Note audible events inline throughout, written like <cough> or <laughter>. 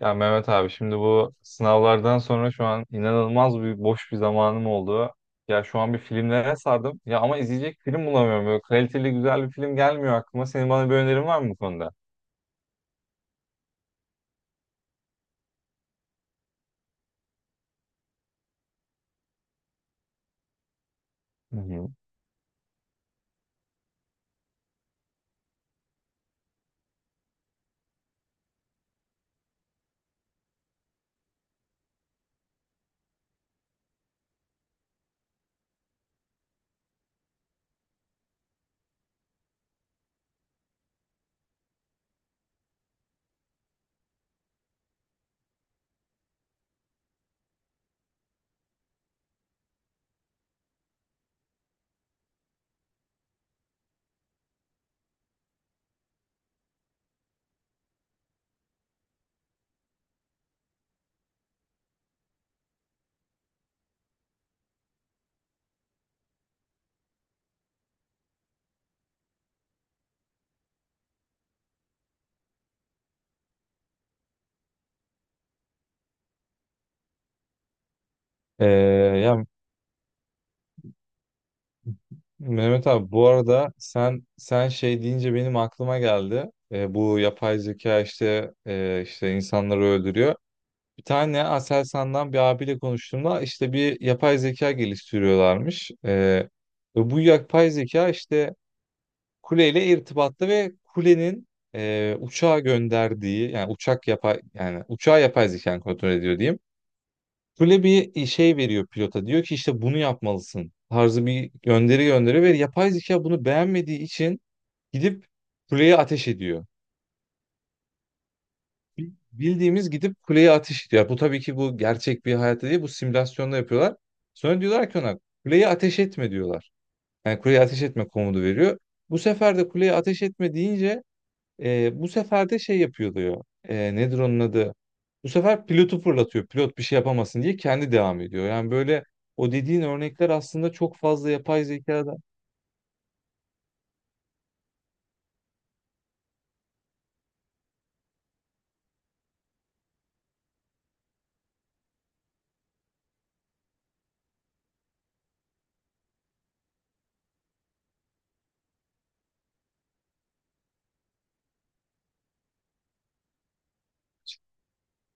Ya Mehmet abi şimdi bu sınavlardan sonra şu an inanılmaz bir boş bir zamanım oldu. Ya şu an bir filmlere sardım. Ya ama izleyecek film bulamıyorum. Böyle kaliteli güzel bir film gelmiyor aklıma. Senin bana bir önerin var mı bu konuda? Hı hı. Ee, ya Mehmet abi bu arada sen şey deyince benim aklıma geldi. Bu yapay zeka işte insanları öldürüyor. Bir tane Aselsan'dan bir abiyle konuştuğumda işte bir yapay zeka geliştiriyorlarmış. Ve bu yapay zeka işte kuleyle irtibatta ve kulenin uçağa gönderdiği yani uçak yapay yani uçağı yapay zeka kontrol ediyor diyeyim. Kule bir şey veriyor pilota, diyor ki işte bunu yapmalısın tarzı bir gönderi gönderiyor ve yapay zeka bunu beğenmediği için gidip kuleye ateş ediyor. Bildiğimiz gidip kuleye ateş ediyor. Bu tabii ki bu gerçek bir hayatta değil, bu simülasyonda yapıyorlar. Sonra diyorlar ki ona kuleye ateş etme diyorlar. Yani kuleye ateş etme komutu veriyor. Bu sefer de kuleye ateş etme deyince bu sefer de şey yapıyor diyor. Nedir onun adı? Bu sefer pilotu fırlatıyor. Pilot bir şey yapamasın diye kendi devam ediyor. Yani böyle o dediğin örnekler aslında çok fazla yapay zekada.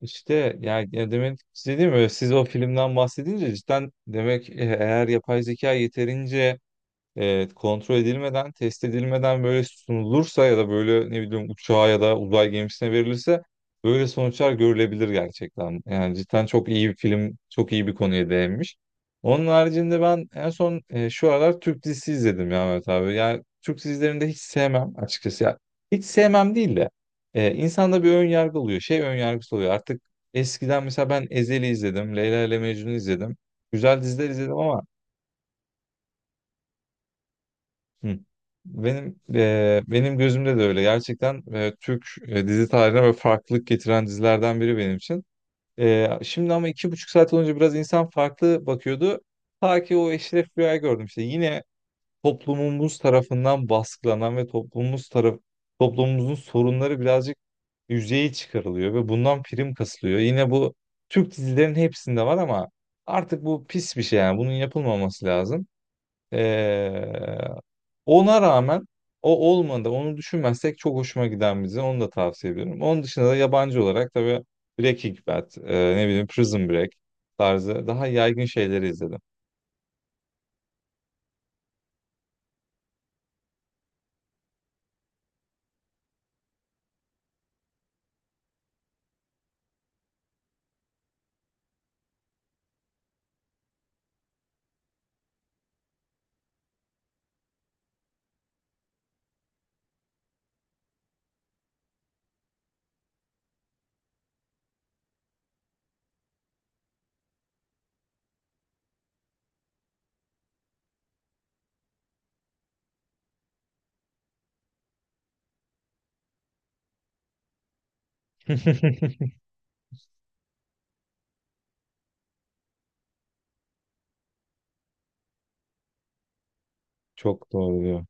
İşte yani demek istediğim öyle, siz o filmden bahsedince cidden demek eğer yapay zeka yeterince, evet, kontrol edilmeden, test edilmeden böyle sunulursa ya da böyle ne bileyim uçağa ya da uzay gemisine verilirse böyle sonuçlar görülebilir gerçekten. Yani cidden çok iyi bir film, çok iyi bir konuya değinmiş. Onun haricinde ben en son şu aralar Türk dizisi izledim ya Mehmet abi. Yani Türk dizilerini de hiç sevmem açıkçası. Ya, hiç sevmem değil de insanda bir ön yargı oluyor. Şey ön yargısı oluyor. Artık eskiden mesela ben Ezel'i izledim, Leyla ile Mecnun'u izledim. Güzel diziler izledim ama. Hı. Benim gözümde de öyle. Gerçekten Türk dizi tarihine böyle farklılık getiren dizilerden biri benim için. Şimdi ama 2,5 saat olunca biraz insan farklı bakıyordu. Ta ki o Eşref Rüya'yı gördüm işte. Yine toplumumuz tarafından baskılanan ve toplumumuzun sorunları birazcık yüzeye çıkarılıyor ve bundan prim kasılıyor. Yine bu Türk dizilerin hepsinde var ama artık bu pis bir şey yani. Bunun yapılmaması lazım. E, Ona rağmen o olmadı. Onu düşünmezsek çok hoşuma giden bir dizi. Onu da tavsiye ediyorum. Onun dışında da yabancı olarak tabii Breaking Bad, ne bileyim, Prison Break tarzı daha yaygın şeyleri izledim. <laughs> Çok doğru diyor.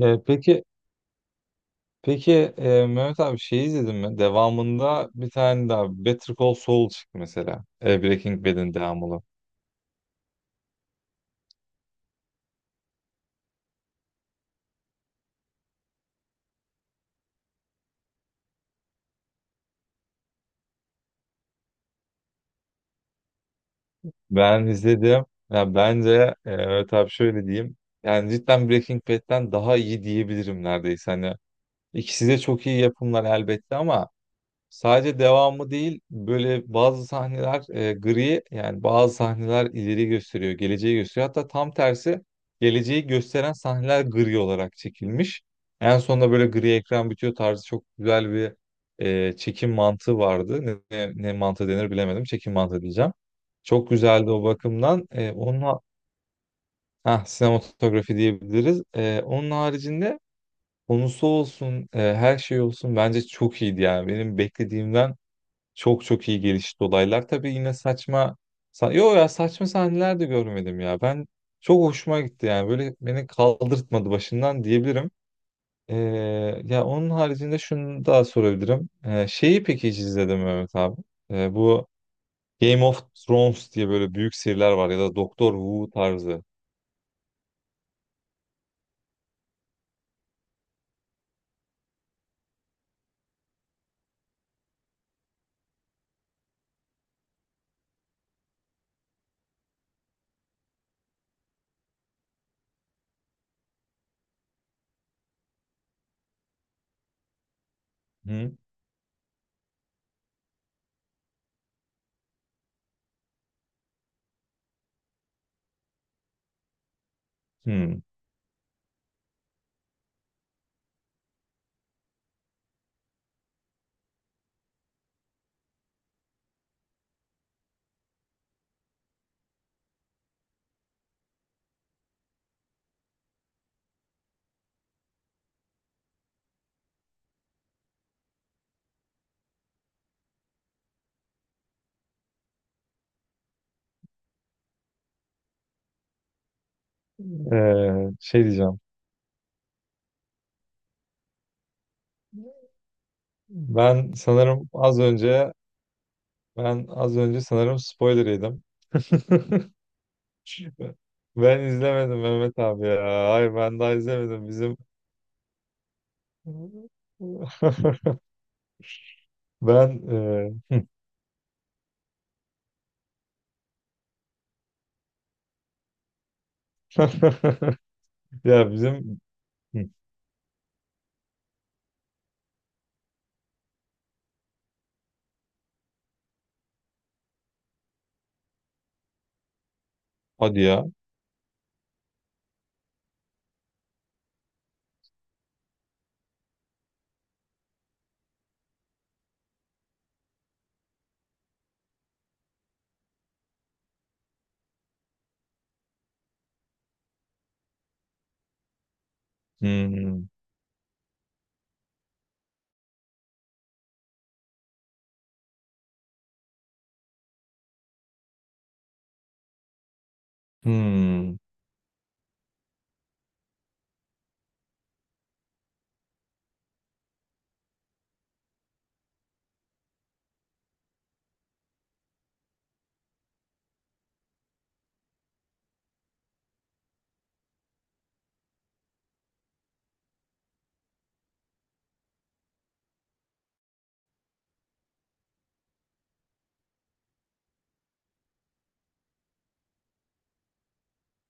E, peki peki, Mehmet abi, şey izledin mi? Devamında bir tane daha Better Call Saul çıktı mesela. Breaking Bad'in devamı. Ben izledim. Ya bence Mehmet abi, şöyle diyeyim. Yani cidden Breaking Bad'den daha iyi diyebilirim neredeyse. Hani, İkisi de çok iyi yapımlar elbette ama sadece devamı değil, böyle bazı sahneler gri, yani bazı sahneler ileri gösteriyor, geleceği gösteriyor. Hatta tam tersi, geleceği gösteren sahneler gri olarak çekilmiş. En sonunda böyle gri ekran bitiyor tarzı çok güzel bir çekim mantığı vardı. Ne mantığı denir bilemedim. Çekim mantığı diyeceğim. Çok güzeldi o bakımdan. Onun ha, sinematografi diyebiliriz. Onun haricinde konusu olsun, her şey olsun bence çok iyiydi yani. Benim beklediğimden çok çok iyi gelişti olaylar. Tabii yine saçma sahneler de görmedim ya. Ben çok hoşuma gitti yani. Böyle beni kaldırtmadı başından diyebilirim. E, ya onun haricinde şunu daha sorabilirim. Şeyi peki hiç izledin mi Mehmet abi? Bu Game of Thrones diye böyle büyük seriler var ya da Doktor Who tarzı. Hı? Hı. Şey diyeceğim. Ben sanırım az önce Ben az önce sanırım spoiler yedim. <laughs> Ben izlemedim Mehmet abi ya. Hayır, ben daha izlemedim. Bizim <laughs> ben <laughs> ya bizim. Hı, hadi ya. Hmm. Hmm.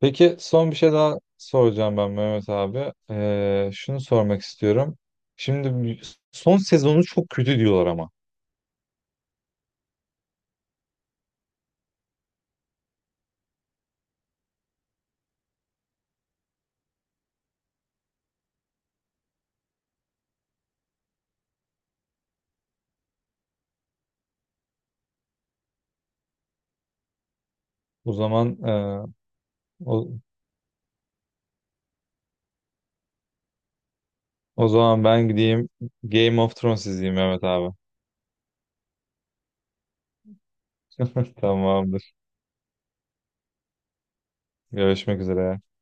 Peki son bir şey daha soracağım ben Mehmet abi. Şunu sormak istiyorum. Şimdi son sezonu çok kötü diyorlar ama. O zaman e, o, o zaman ben gideyim Game of Thrones izleyeyim Mehmet abi. <laughs> Tamamdır. Görüşmek üzere.